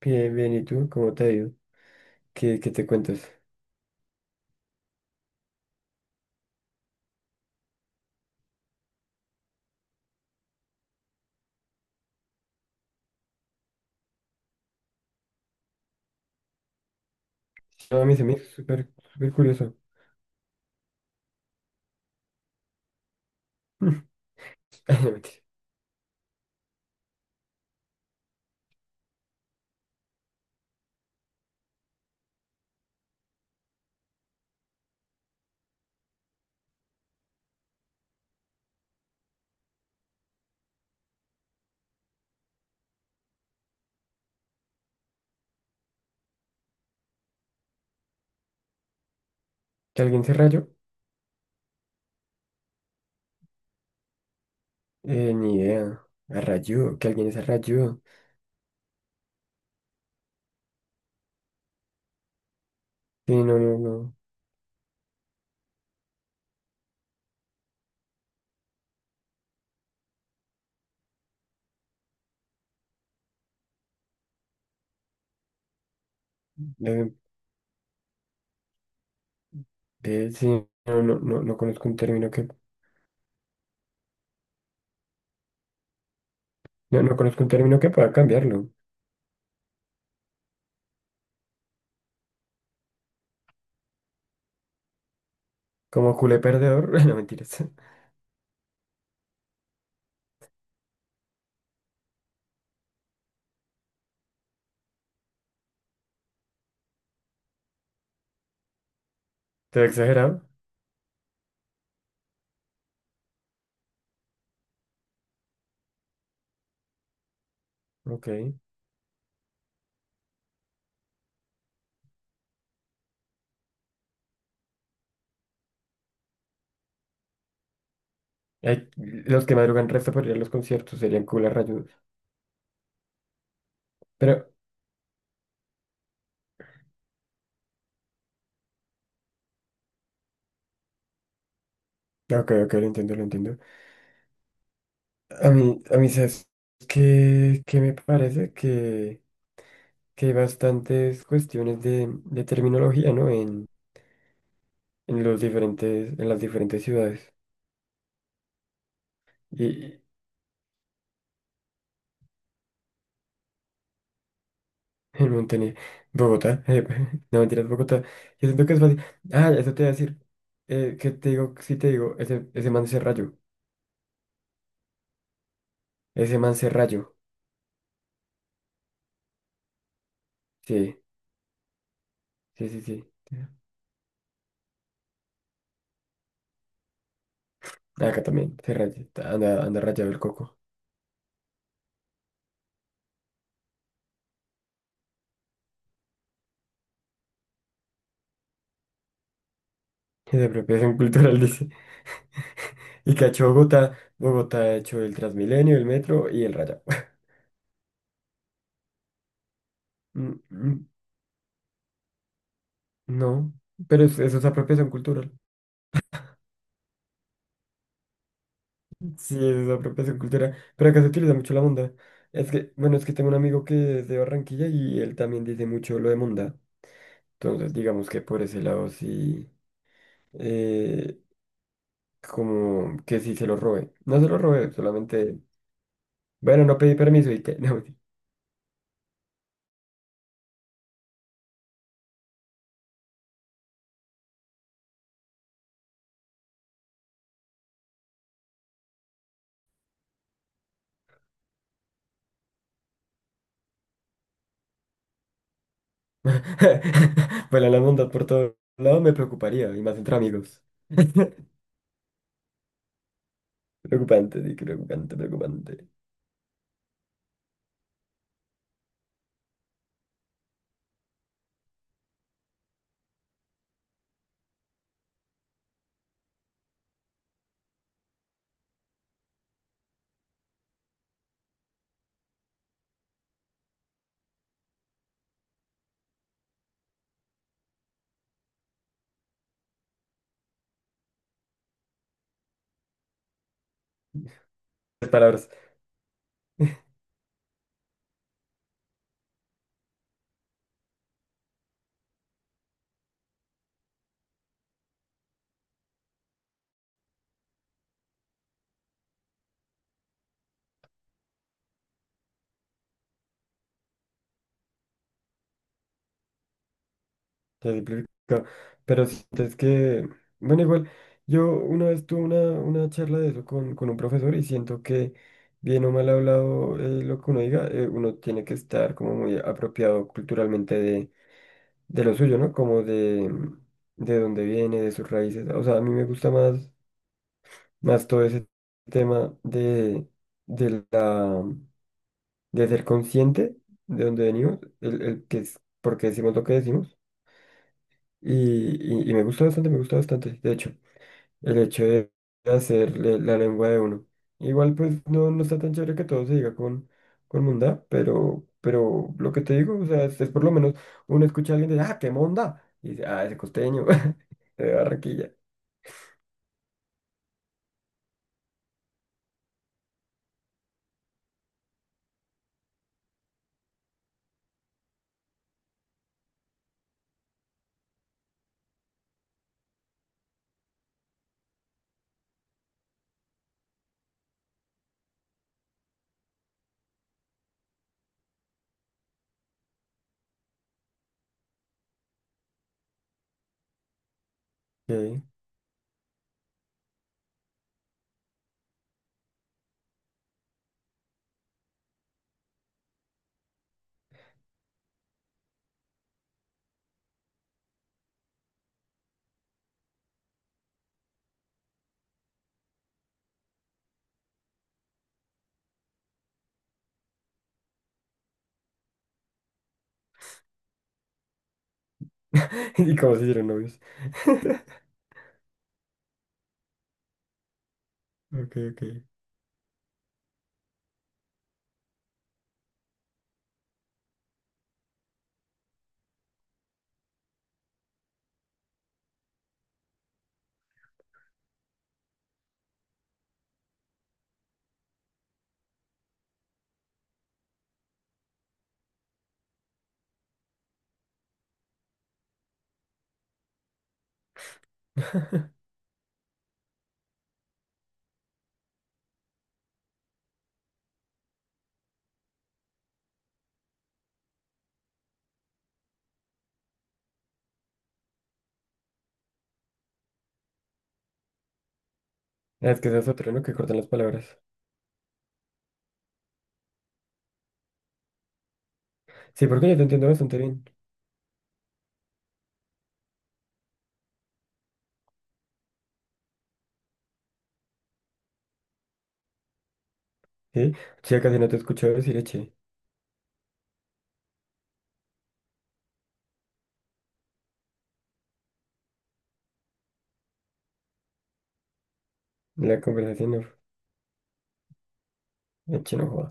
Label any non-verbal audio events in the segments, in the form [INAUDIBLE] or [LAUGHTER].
Bien, bien, ¿y tú? ¿Cómo te ha ido? ¿Qué te cuentas? No, a mí se me hizo súper curioso. [LAUGHS] Ay, no, mentira. ¿Que alguien se rayó? Ni idea. A rayó, que alguien se rayó. Sí, no, no, no. Eh, sí, no, no, no, no conozco un término que... No, no conozco un término que pueda cambiarlo. Como culé perdedor. [LAUGHS] No, mentiras. Todo exagerado. Ok. Ay, los que madrugan resto para ir a los conciertos serían culés rayudos. Pero... Ok, ok, lo entiendo, lo entiendo. A mí, ¿sabes qué me parece? Que hay bastantes cuestiones de terminología, ¿no? En los diferentes, en las diferentes ciudades. Y en Montenegro, Bogotá, [LAUGHS] no mentiras, Bogotá. Yo siento que es fácil. Ah, eso te iba a decir. Que te digo, sí te digo, ese man se rayó. Ese man se rayó. Sí, sí, sí, sí. Acá también se rayó. Anda rayado el coco. [LAUGHS] Es de apropiación cultural. [LAUGHS] Y cacho Bogotá. Bogotá ha hecho el Transmilenio, el metro y el Raya. [LAUGHS] Mm, mm, no, eso es apropiación cultural. Sí, eso es apropiación cultural. Pero acá se utiliza mucho la monda. Es que, bueno, es que tengo un amigo que es de Barranquilla y él también dice mucho lo de monda. Entonces, digamos que por ese lado sí, eh, como que sí se lo robé. No se lo robé, solamente, bueno, no pedí permiso y que, [LAUGHS] no. [LAUGHS] Bueno, la monda por todos lados me preocuparía, y más entre amigos. [LAUGHS] Preocupante, sí, preocupante, preocupante. Las palabras se simplifico. Pero sí, es que, bueno, igual, yo una vez tuve una charla de eso con un profesor y siento que, bien o mal hablado, lo que uno diga, uno tiene que estar como muy apropiado culturalmente de lo suyo, ¿no? Como de dónde viene, de sus raíces. O sea, a mí me gusta más, más todo ese tema de la de ser consciente de dónde venimos, el que es, por qué decimos lo que decimos. Y, y me gusta bastante, me gusta bastante. De hecho, el hecho de la lengua de uno. Igual pues no, no está tan chévere que todo se diga con mondá, pero lo que te digo, o sea, es por lo menos uno escucha a alguien de, ah, qué monda. Y dice, ah, ese costeño, [LAUGHS] de Barranquilla. Ok. [LAUGHS] Y cómo se hicieron novios. Ok, ok. [LAUGHS] Es que esa es otra, ¿no? Que cortan las palabras. Sí, porque yo te entiendo bastante bien. Sí, ya casi no te escucho decir eche. En la conversación no. Eche no joda.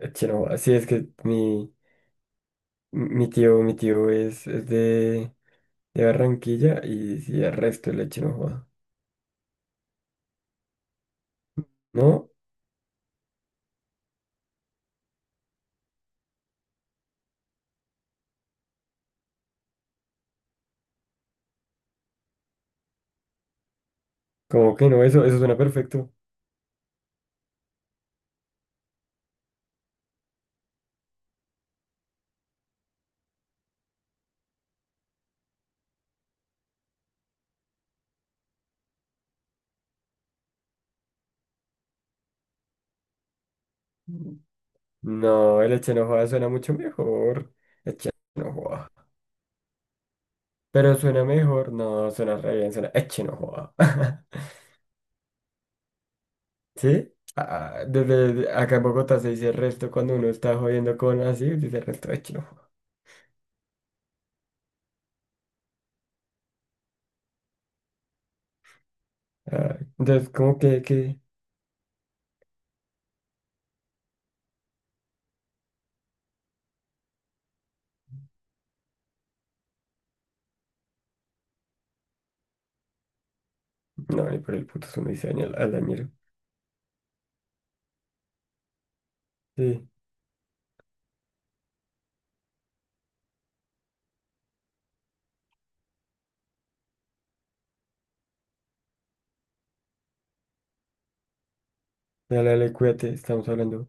Eche no joda. Sí, es que mi, mi tío es de Barranquilla y sí, el resto el eche no joda. ¿No? ¿Cómo que no? Eso suena perfecto. No, el eche no joda suena mucho mejor. Eche no joda. Pero suena mejor. No, suena re bien, suena eche no joda. [LAUGHS] ¿Sí? Ah, desde acá en Bogotá se dice resto cuando uno está jodiendo con así, dice resto eche no. Ah, entonces, como que, no, ni por el puto uno dice al, al dañero. Sí, dale, dale, cuídate, estamos hablando.